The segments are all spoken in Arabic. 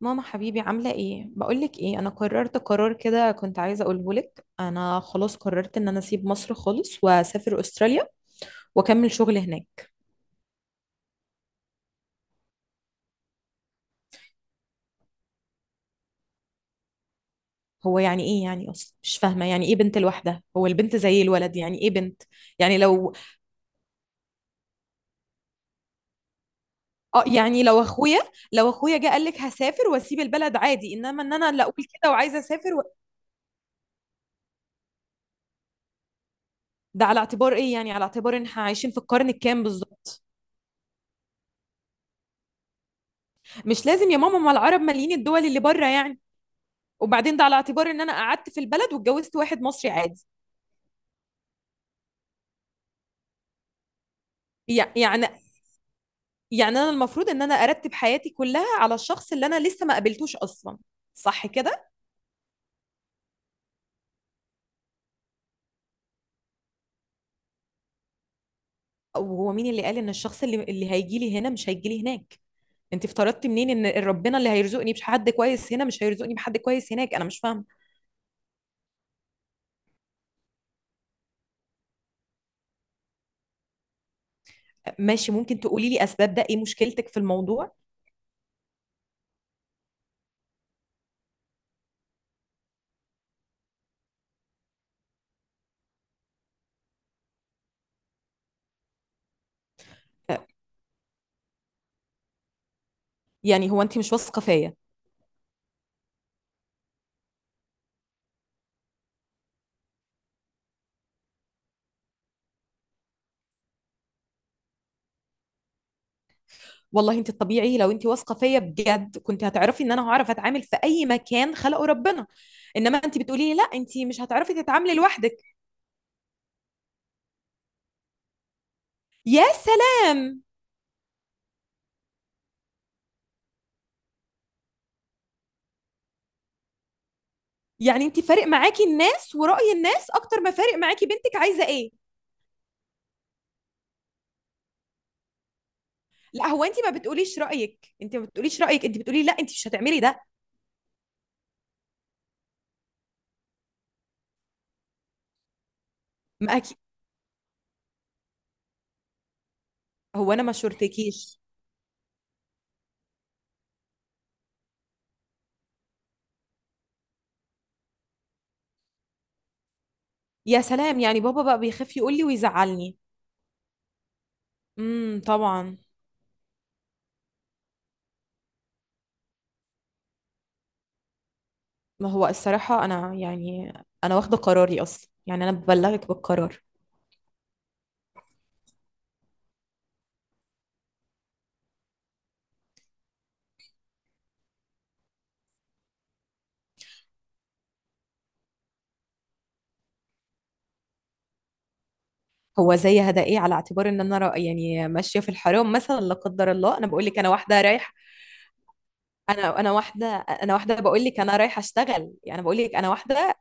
ماما حبيبي عاملة ايه؟ بقولك ايه، انا قررت قرار كده، كنت عايزة اقوله لك. انا خلاص قررت ان انا اسيب مصر خالص واسافر استراليا واكمل شغل هناك. هو يعني ايه يعني؟ اصلا مش فاهمة يعني ايه بنت لوحدها؟ هو البنت زي الولد. يعني ايه بنت؟ يعني لو اه يعني لو اخويا لو اخويا جه قال لك هسافر واسيب البلد، عادي. انما ان انا اللي اقول كده وعايزة اسافر ده على اعتبار ايه؟ يعني على اعتبار ان احنا عايشين في القرن الكام بالظبط؟ مش لازم يا ماما، ما العرب مالين الدول اللي بره يعني. وبعدين ده على اعتبار ان انا قعدت في البلد واتجوزت واحد مصري عادي. يعني يعني انا المفروض ان انا ارتب حياتي كلها على الشخص اللي انا لسه ما قابلتوش اصلا؟ صح كده؟ وهو مين اللي قال ان الشخص اللي هيجي لي هنا مش هيجي لي هناك؟ انت افترضتي منين ان ربنا اللي هيرزقني بحد كويس هنا مش هيرزقني بحد كويس هناك؟ انا مش فاهمه. ماشي، ممكن تقولي لي اسباب؟ ده ايه مشكلتك في الموضوع؟ يعني هو انت مش واثقه فيا؟ والله انت الطبيعي لو انت واثقه فيا بجد كنت هتعرفي ان انا هعرف اتعامل في اي مكان خلقه ربنا. انما انت بتقولي لي لا انت مش هتعرفي تتعاملي لوحدك. يا سلام! يعني انت فارق معاكي الناس ورأي الناس اكتر ما فارق معاكي بنتك عايزه ايه؟ لا، هو انت ما بتقوليش رأيك، انت ما بتقوليش رأيك، انت بتقولي لا انت مش هتعملي ده. ما أكي... هو انا ما شورتكيش. يا سلام! يعني بابا بقى بيخاف يقول لي ويزعلني؟ طبعا. ما هو الصراحه انا يعني انا واخده قراري اصلا، يعني انا ببلغك بالقرار. هو زي هدايا، على اعتبار ان انا يعني ماشيه في الحرام مثلا، لا قدر الله. انا بقول لك انا واحده رايح. انا واحده، انا واحده بقول لك، انا رايحه اشتغل، يعني بقول لك انا واحده.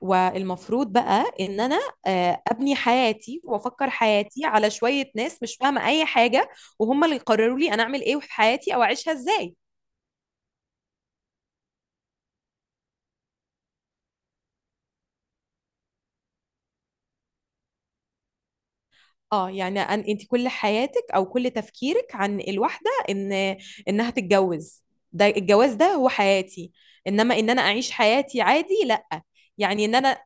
والمفروض بقى ان انا، ابني حياتي وافكر حياتي على شويه ناس مش فاهمه اي حاجه، وهم اللي يقرروا لي انا اعمل ايه في حياتي او اعيشها ازاي؟ اه يعني انت كل حياتك او كل تفكيرك عن الواحده ان انها تتجوز؟ ده الجواز ده هو حياتي؟ انما ان انا اعيش حياتي عادي، لا. يعني ان انا،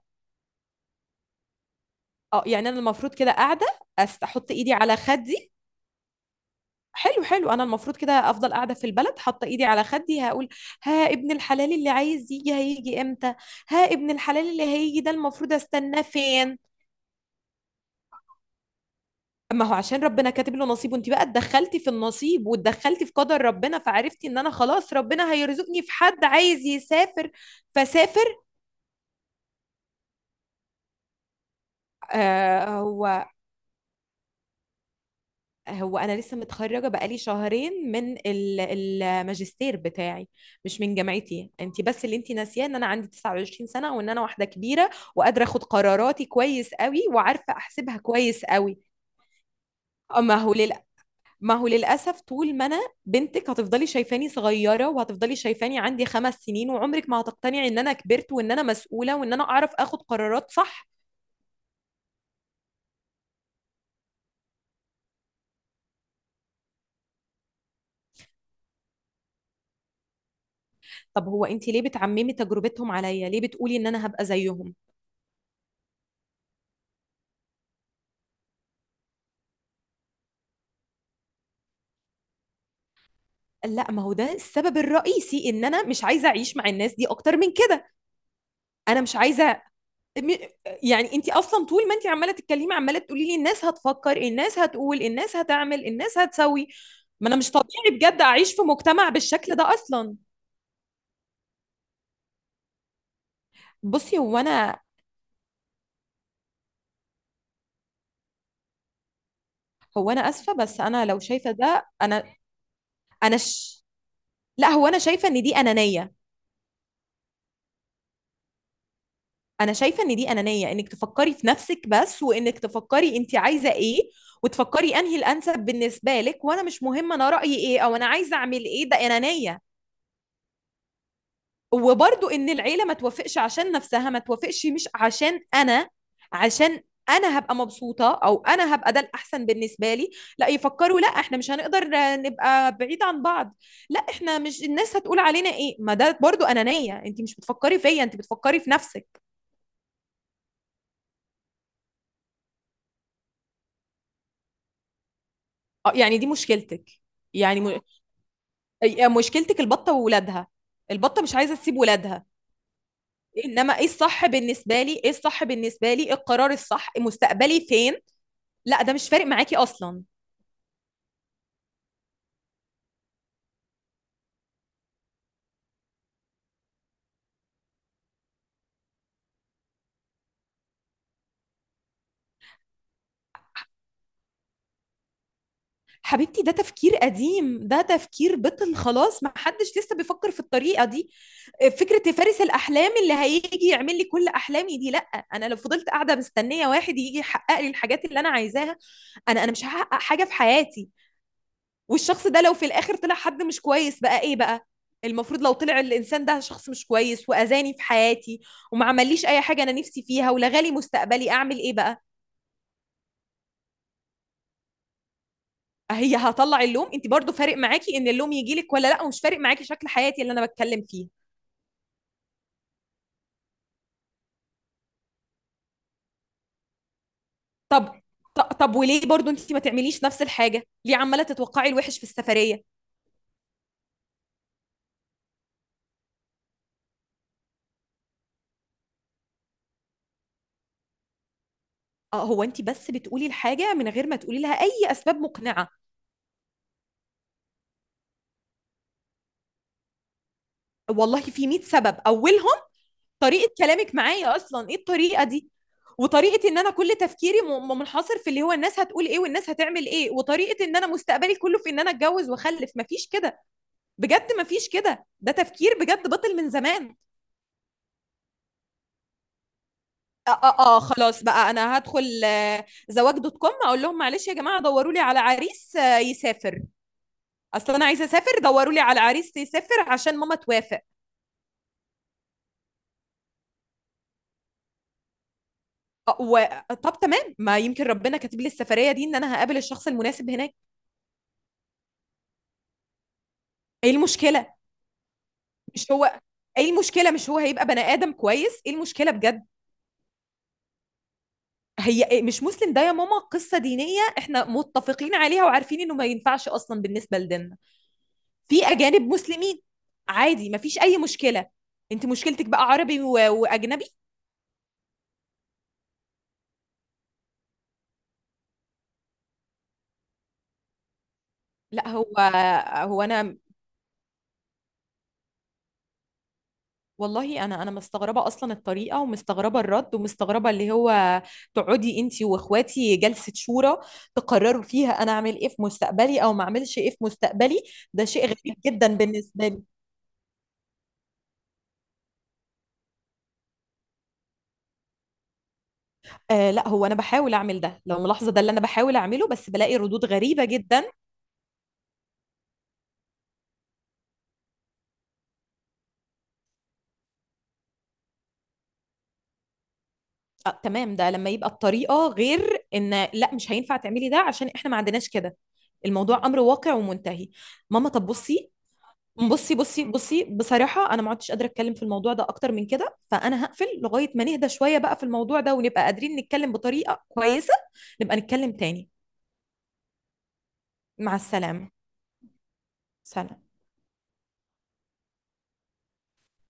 اه يعني انا المفروض كده قاعده، احط ايدي على خدي. حلو حلو، انا المفروض كده افضل قاعده في البلد حاطه ايدي على خدي، هقول ها ابن الحلال اللي عايز يجي هيجي امتى؟ ها ابن الحلال اللي هيجي ده المفروض استناه فين؟ ما هو عشان ربنا كاتب له نصيب، وانت بقى اتدخلتي في النصيب واتدخلتي في قدر ربنا فعرفتي ان انا خلاص ربنا هيرزقني في حد عايز يسافر فسافر. آه هو هو انا لسه متخرجه بقالي شهرين من الماجستير بتاعي مش من جامعتي. انت بس اللي انت ناسياه ان انا عندي 29 سنه وان انا واحده كبيره وقادره اخد قراراتي كويس قوي وعارفه احسبها كويس قوي. اما هو للاسف، ما هو للأسف، طول ما أنا بنتك هتفضلي شايفاني صغيرة وهتفضلي شايفاني عندي 5 سنين، وعمرك ما هتقتنعي إن أنا كبرت وإن أنا مسؤولة وإن أنا أعرف آخد قرارات صح. طب هو أنت ليه بتعممي تجربتهم عليا؟ ليه بتقولي إن أنا هبقى زيهم؟ لا، ما هو ده السبب الرئيسي إن أنا مش عايزة أعيش مع الناس دي أكتر من كده. أنا مش عايزة، م- يعني أنت أصلا طول ما أنت عمالة تتكلمي عمالة تقولي لي الناس هتفكر، الناس هتقول، الناس هتعمل، الناس هتسوي. ما أنا مش طبيعي بجد أعيش في مجتمع بالشكل ده أصلا. بصي، هو انا اسفه، بس انا لو شايفه ده، انا ش... لا، هو انا شايفه ان دي انانيه. انا شايفه ان دي انانيه، انك تفكري في نفسك بس، وانك تفكري انت عايزه ايه وتفكري انهي الانسب بالنسبه لك، وانا مش مهم انا رايي ايه او انا عايزه اعمل ايه. ده انانيه. وبرضو ان العيله ما توافقش عشان نفسها ما توافقش، مش عشان انا، عشان انا هبقى مبسوطه او انا هبقى ده الاحسن بالنسبه لي. لا، يفكروا لا احنا مش هنقدر نبقى بعيد عن بعض. لا، احنا مش الناس هتقول علينا ايه. ما ده برضو انانيه، انت مش بتفكري فيا، انت بتفكري في نفسك. يعني دي مشكلتك؟ يعني م... مشكلتك البطه وولادها، البطه مش عايزه تسيب ولادها. انما ايه الصح بالنسبه لي، ايه الصح بالنسبه لي، إيه القرار الصح، مستقبلي فين؟ لا ده مش فارق معاكي اصلا. حبيبتي، ده تفكير قديم، ده تفكير بطل خلاص، ما حدش لسه بيفكر في الطريقة دي. فكرة فارس الأحلام اللي هيجي يعمل لي كل أحلامي دي، لأ. أنا لو فضلت قاعدة مستنية واحد يجي يحقق لي الحاجات اللي أنا عايزاها، أنا مش هحقق حاجة في حياتي. والشخص ده لو في الآخر طلع حد مش كويس، بقى إيه بقى؟ المفروض لو طلع الانسان ده شخص مش كويس واذاني في حياتي وما عمليش اي حاجه انا نفسي فيها ولغالي مستقبلي، اعمل ايه بقى؟ هي هطلع اللوم؟ انت برضو فارق معاكي ان اللوم يجي لك ولا لا، ومش فارق معاكي شكل حياتي اللي انا بتكلم فيه. طب طب وليه برضو انت ما تعمليش نفس الحاجه؟ ليه عماله تتوقعي الوحش في السفريه؟ اه هو انت بس بتقولي الحاجه من غير ما تقولي لها اي اسباب مقنعه. والله في 100 سبب، اولهم طريقه كلامك معايا اصلا، ايه الطريقه دي؟ وطريقه ان انا كل تفكيري منحصر في اللي هو الناس هتقول ايه والناس هتعمل ايه، وطريقه ان انا مستقبلي كله في ان انا اتجوز واخلف. مفيش كده، بجد مفيش كده، ده تفكير بجد بطل من زمان. خلاص بقى، انا هدخل زواج.com اقول لهم معلش يا جماعه دوروا لي على عريس يسافر، اصل انا عايزه اسافر، دوروا لي على عريس يسافر عشان ماما توافق. آه، و... طب تمام، ما يمكن ربنا كاتب لي السفريه دي ان انا هقابل الشخص المناسب هناك. ايه المشكله؟ مش هو، ايه المشكله؟ مش هو هيبقى بني ادم كويس؟ ايه المشكله بجد؟ هي مش مسلم؟ ده يا ماما قصة دينية احنا متفقين عليها وعارفين انه ما ينفعش اصلا بالنسبة لديننا. في اجانب مسلمين عادي، ما فيش اي مشكلة. انت مشكلتك بقى عربي واجنبي. لا هو، هو انا والله انا مستغربه اصلا الطريقه، ومستغربه الرد، ومستغربه اللي هو تقعدي انت واخواتي جلسه شورى تقرروا فيها انا اعمل ايه في مستقبلي او ما اعملش ايه في مستقبلي. ده شيء غريب جدا بالنسبه لي. آه، لا هو انا بحاول اعمل ده، لو ملاحظه ده اللي انا بحاول اعمله، بس بلاقي ردود غريبه جدا. آه تمام، ده لما يبقى الطريقه غير ان لا مش هينفع تعملي ده عشان احنا ما عندناش كده. الموضوع امر واقع ومنتهي. ماما، طب بصي، بصي بصي بصي، بصراحه انا ما عدتش قادره اتكلم في الموضوع ده اكتر من كده، فانا هقفل لغايه ما نهدى شويه بقى في الموضوع ده ونبقى قادرين نتكلم بطريقه كويسه. نبقى نتكلم تاني. مع السلامه. سلام.